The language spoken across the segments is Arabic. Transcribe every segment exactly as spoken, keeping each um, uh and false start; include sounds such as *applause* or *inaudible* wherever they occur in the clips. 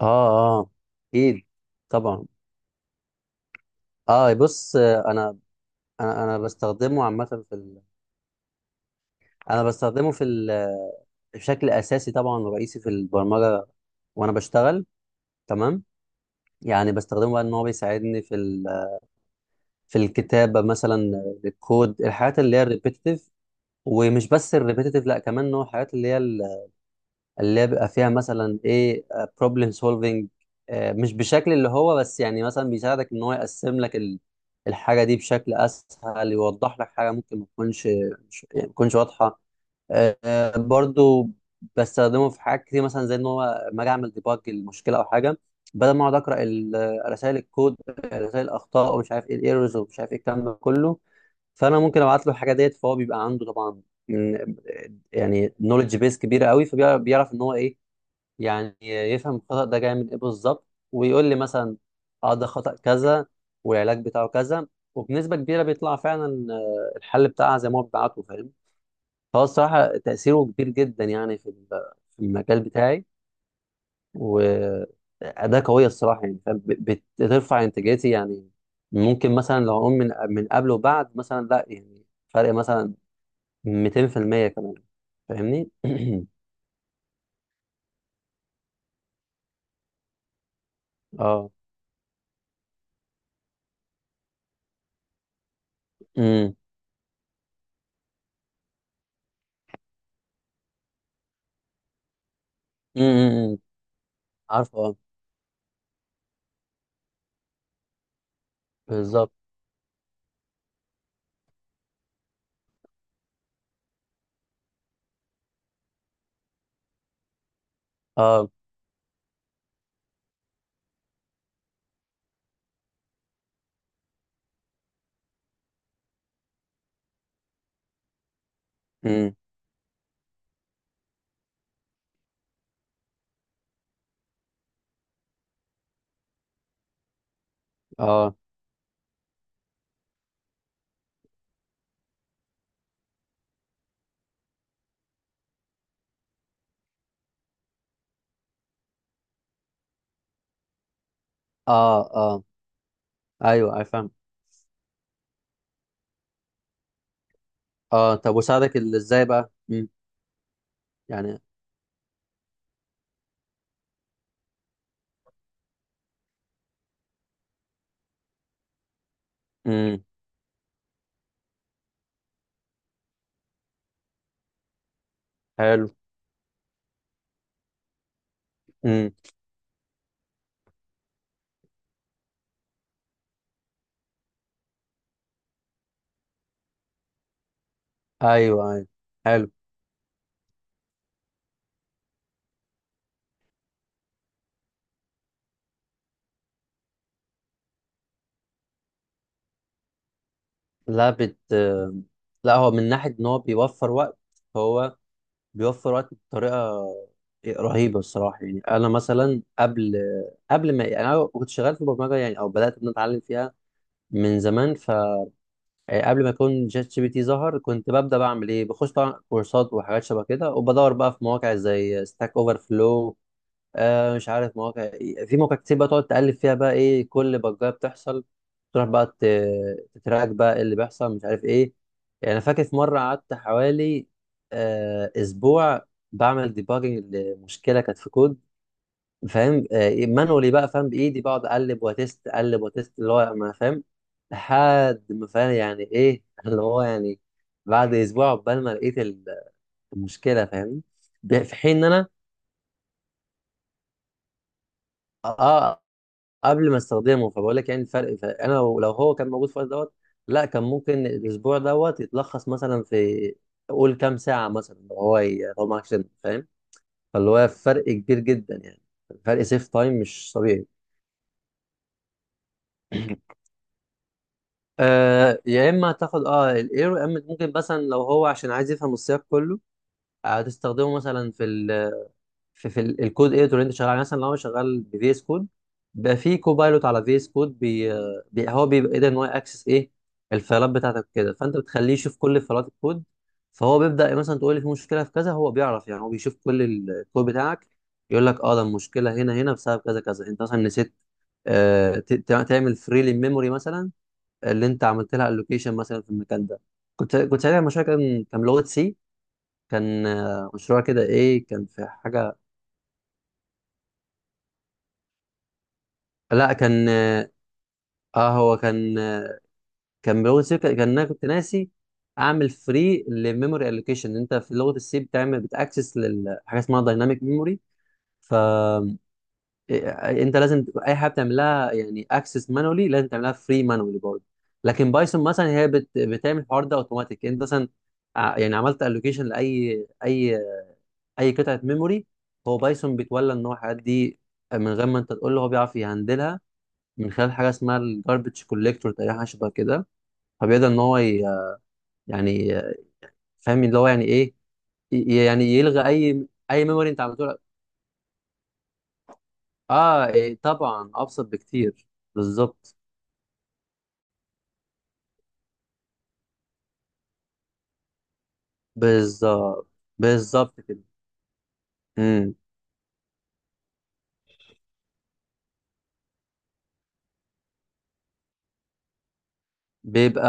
اه اه اكيد، طبعا. اه بص، آه، انا انا أنا بستخدمه عامه في ال... انا بستخدمه في ال... بشكل اساسي طبعا ورئيسي في البرمجه، وانا بشتغل. تمام. يعني بستخدمه بقى ان هو بيساعدني في ال... في الكتابه مثلا، آه، الكود، الحاجات اللي هي الريبيتيتيف. ومش بس الريبيتيتيف، لا، كمان ان هو الحاجات اللي هي اللي هي بيبقى فيها مثلا ايه؟ بروبلم سولفنج. مش بشكل اللي هو بس، يعني مثلا بيساعدك ان هو يقسم لك ال- الحاجه دي بشكل اسهل، يوضح لك حاجه ممكن ما تكونش مش- يعني ما تكونش واضحه. آه، آه، برضو بستخدمه في حاجات كتير، مثلا زي ان هو لما اجي اعمل ديباج المشكله او حاجه، بدل ما اقعد اقرا رسائل الكود، رسائل الاخطاء، ومش عارف ايه الايرورز ومش عارف ايه الكلام ده كله. فانا ممكن ابعت له الحاجه ديت، فهو بيبقى عنده طبعا م- يعني نولج بيس كبيره قوي، فبيعرف ان هو ايه، يعني يفهم الخطأ ده جاي من ايه بالظبط، ويقول لي مثلا اه ده خطأ كذا والعلاج بتاعه كذا. وبنسبة كبيرة بيطلع فعلا آه، الحل بتاعها زي ما هو بيبعته، فاهم؟ فهو الصراحة تأثيره كبير جدا يعني في ال- في المجال بتاعي. وأداة قوية الصراحة، يعني فاهم؟ بت- بترفع إنتاجيتي يعني. ممكن مثلا لو أقول من من قبل وبعد، مثلا لا يعني فرق مثلا مئتين في المية كمان، فاهمني؟ *clears throat* اه. امم امم، امم، امم. عارفه، اه. بالظبط. اه. امم. اه اه اه. ايوه، افهم. اه طب وساعدك ال- ازاي بقى؟ امم. يعني. امم. حلو. امم. ايوه ايوه. حلو. لا بت لا، هو من ناحيه ان هو بيوفر وقت، هو بيوفر وقت بطريقه رهيبه الصراحه. يعني انا مثلا قبل، قبل ما يعني انا كنت شغال في البرمجه يعني، او بدات ان أنا اتعلم فيها من زمان. ف آه، قبل ما يكون شات جي بي تي ظهر كنت ببدا بعمل ايه، بخش طبعا كورسات وحاجات شبه كده، وبدور بقى في مواقع زي ستاك اوفر فلو، آه مش عارف مواقع إيه. في مواقع كتير بقى تقعد تقلب فيها بقى ايه كل بجايه بتحصل، تروح بقى ت- تتراك بقى إيه اللي بيحصل مش عارف ايه. يعني انا فاكر في مره قعدت حوالي آه اسبوع بعمل ديباجنج لمشكله كانت في كود، فاهم؟ آه، مانولي بقى فاهم، بايدي بقعد اقلب واتست، اقلب واتست، اللي هو ما فاهم لحد ما فاهم يعني ايه *laughs* اللي هو يعني بعد اسبوع عقبال ما لقيت ال- المشكله، فاهم؟ ب- في حين ان انا، اه، قبل ما استخدمه. فبقول لك يعني الفرق، ف- انا لو لو هو كان موجود في الوقت دوت، لا كان ممكن الاسبوع دوت يتلخص مثلا في قول كام ساعه مثلا، لو هو ي- لو معكش، فاهم؟ فاللي هو فرق كبير جدا يعني. فرق سيف تايم مش طبيعي. *clears throat* آه يا اما هتاخد اه الايرو، يا اما ممكن مثلا لو هو عشان عايز يفهم السياق كله، آه، هتستخدمه مثلا في ال في, في ال- الكود اديتور اللي انت شغال عليه. مثلا لو انا شغال بفي اس كود، بقى في كوبايلوت على في اس كود بي آه، بي- هو بيبقى قادر ان هو اكسس ايه الفايلات بتاعتك كده، فانت بتخليه يشوف كل فايلات الكود. فهو بيبدا مثلا تقول لي في مشكله في كذا، هو بيعرف يعني، هو بيشوف كل ال- الكود بتاعك يقول لك اه ده المشكله هنا هنا بسبب كذا كذا، انت مثلا نسيت آه ت- ت- تعمل فري للميموري مثلا اللي انت عملت لها الوكيشن مثلا في المكان ده. كنت كنت ساعتها المشروع كان كان لغه سي. كان آه، مشروع كده ايه، كان في حاجه. لا كان اه آه، هو كان آه، كان بلغه سي، كان كان انا كنت ناسي اعمل فري للميموري الوكيشن. انت في لغه السي بتعمل بتاكسس لحاجه اسمها دايناميك ميموري. ف إيه- انت لازم تبقى اي حاجه بتعملها يعني اكسس مانولي لازم تعملها فري مانولي برضه. لكن بايثون مثلا هي بت... بتعمل الحوار ده اوتوماتيك. انت مثلا ع- يعني عملت الوكيشن لاي اي اي قطعه ميموري، هو بايثون بيتولى ان هو الحاجات دي من غير ما انت تقول له، هو بيعرف يهندلها من خلال حاجه اسمها الجاربج كوليكتور تقريبا، حاجه شبه كده. فبيقدر ان هو ي- يعني فاهم اللي هو يعني ايه، ي- يعني يلغى اي اي ميموري انت عملته له. اه إيه طبعا ابسط بكتير. بالظبط. بالظبط. بالظبط كده. إمم. بيبقى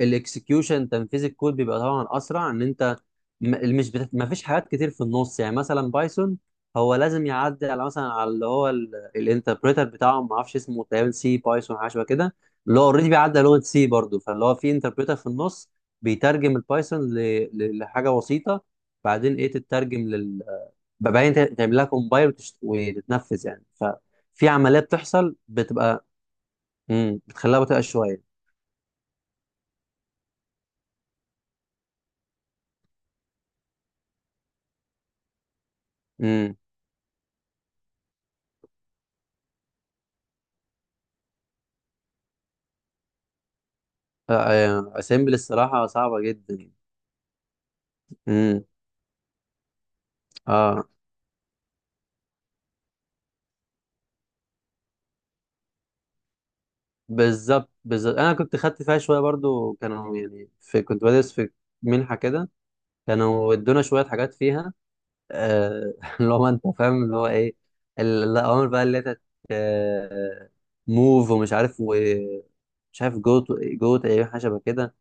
الاكسكيوشن، تنفيذ الكود بيبقى طبعا اسرع، ان انت م- مش بت... ما فيش حاجات كتير في النص. يعني مثلا بايثون هو لازم يعدي على مثلا على اللي هو الانتربريتر بتاعه، ما اعرفش اسمه تقريبا سي بايثون، حاجه شبه كده. اللي هو اوريدي بيعدي على لغه سي برضه، فاللي هو في انتربريتر في النص بيترجم البايثون ل... ل- لحاجه بسيطه. بعدين ايه تترجم لل، بعدين ت- تعمل لها كومبايل وتشت... وتتنفذ يعني. ففي عمليه بتحصل بتبقى امم بتخليها بطيئه شويه. اسامبل الصراحه صعبه جدا. امم. اه بالظبط بالظبط، انا كنت خدت فيها شويه برضو، كانوا يعني في كنت بدرس في منحه كده، كانوا ادونا شويه حاجات فيها، آه *laughs* اللي هو انت فاهم اللي هو ايه، ال- الاوامر بقى اللي هي موف ومش عارف ومش عارف جو جو تقريبا حاجه شبه كده.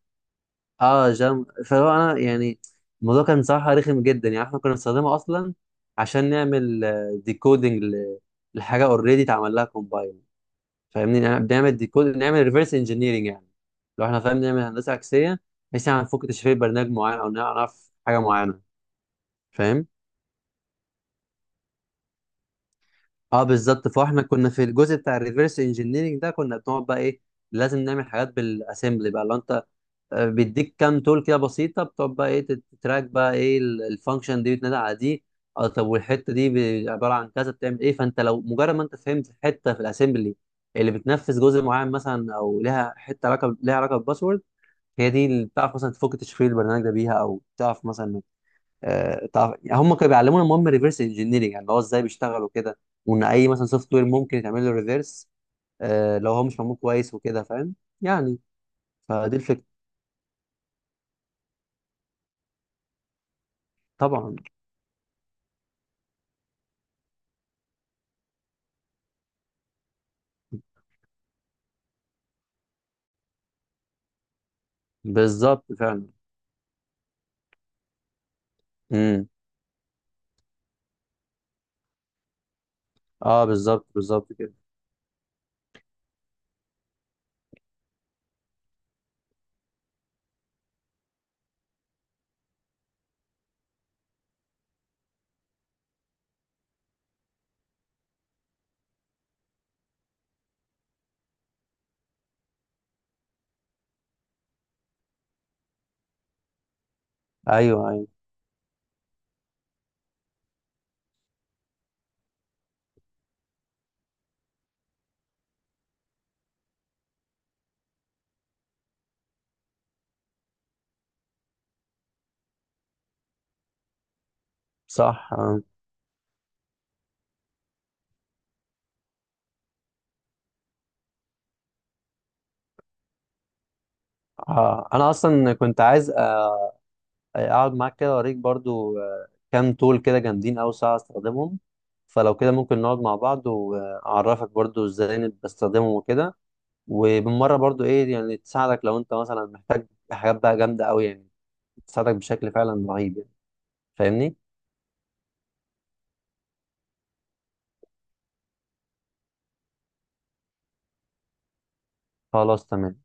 اه جام، فهو انا يعني الموضوع كان بصراحه رخم جدا. يعني احنا كنا بنستخدمه اصلا عشان نعمل ديكودنج لحاجه اوريدي اتعمل لها كومبايل، فاهمني؟ يعني بنعمل ديكود، نعمل ريفرس انجينيرنج يعني، لو احنا فاهم، نعمل هندسه عكسيه بحيث يعني نفك تشفير برنامج معين او نعرف حاجه معينه، فاهم؟ اه بالظبط. فاحنا كنا في الجزء بتاع الريفرس انجينيرنج ده كنا بنقعد بقى ايه، لازم نعمل حاجات بالاسمبلي بقى. لو انت آه، بيديك كام تول كده بسيطه، بتقعد بقى ايه تت- تتراك بقى ايه ال- الفانكشن دي بتنادى على دي، آه، طب والحته دي ب- عباره عن كذا بتعمل ايه. فانت لو مجرد ما انت فهمت حته في الاسمبلي اللي بتنفذ جزء معين مثلا، او لها حته علاقه لها علاقه بالباسورد، هي دي اللي بتعرف مثلا تفك تشفير البرنامج ده بيها، او تعرف مثلا آه، تعرف يعني. هم كانوا بيعلمونا المهم ريفرس انجينيرنج يعني، اللي هو ازاي بيشتغل وكده، وان اي مثلا سوفت وير ممكن يتعمل له ريفرس آه لو هو مش معمول كويس وكده، فاهم يعني؟ فدي الفكره. طبعا. بالظبط فعلا. امم. اه بالظبط بالظبط كده. ايوه ايوه. صح آه. آه. انا اصلا كنت عايز آه، اقعد معاك كده، اوريك برضو آه، كام تول كده جامدين اوي ساعه استخدمهم. فلو كده ممكن نقعد مع بعض واعرفك برضو ازاي إن بستخدمهم وكده، وبالمره برضو ايه يعني، تساعدك لو انت مثلا محتاج حاجات بقى جامده اوي يعني، تساعدك بشكل فعلا رهيب يعني، فاهمني؟ خلاص تمام.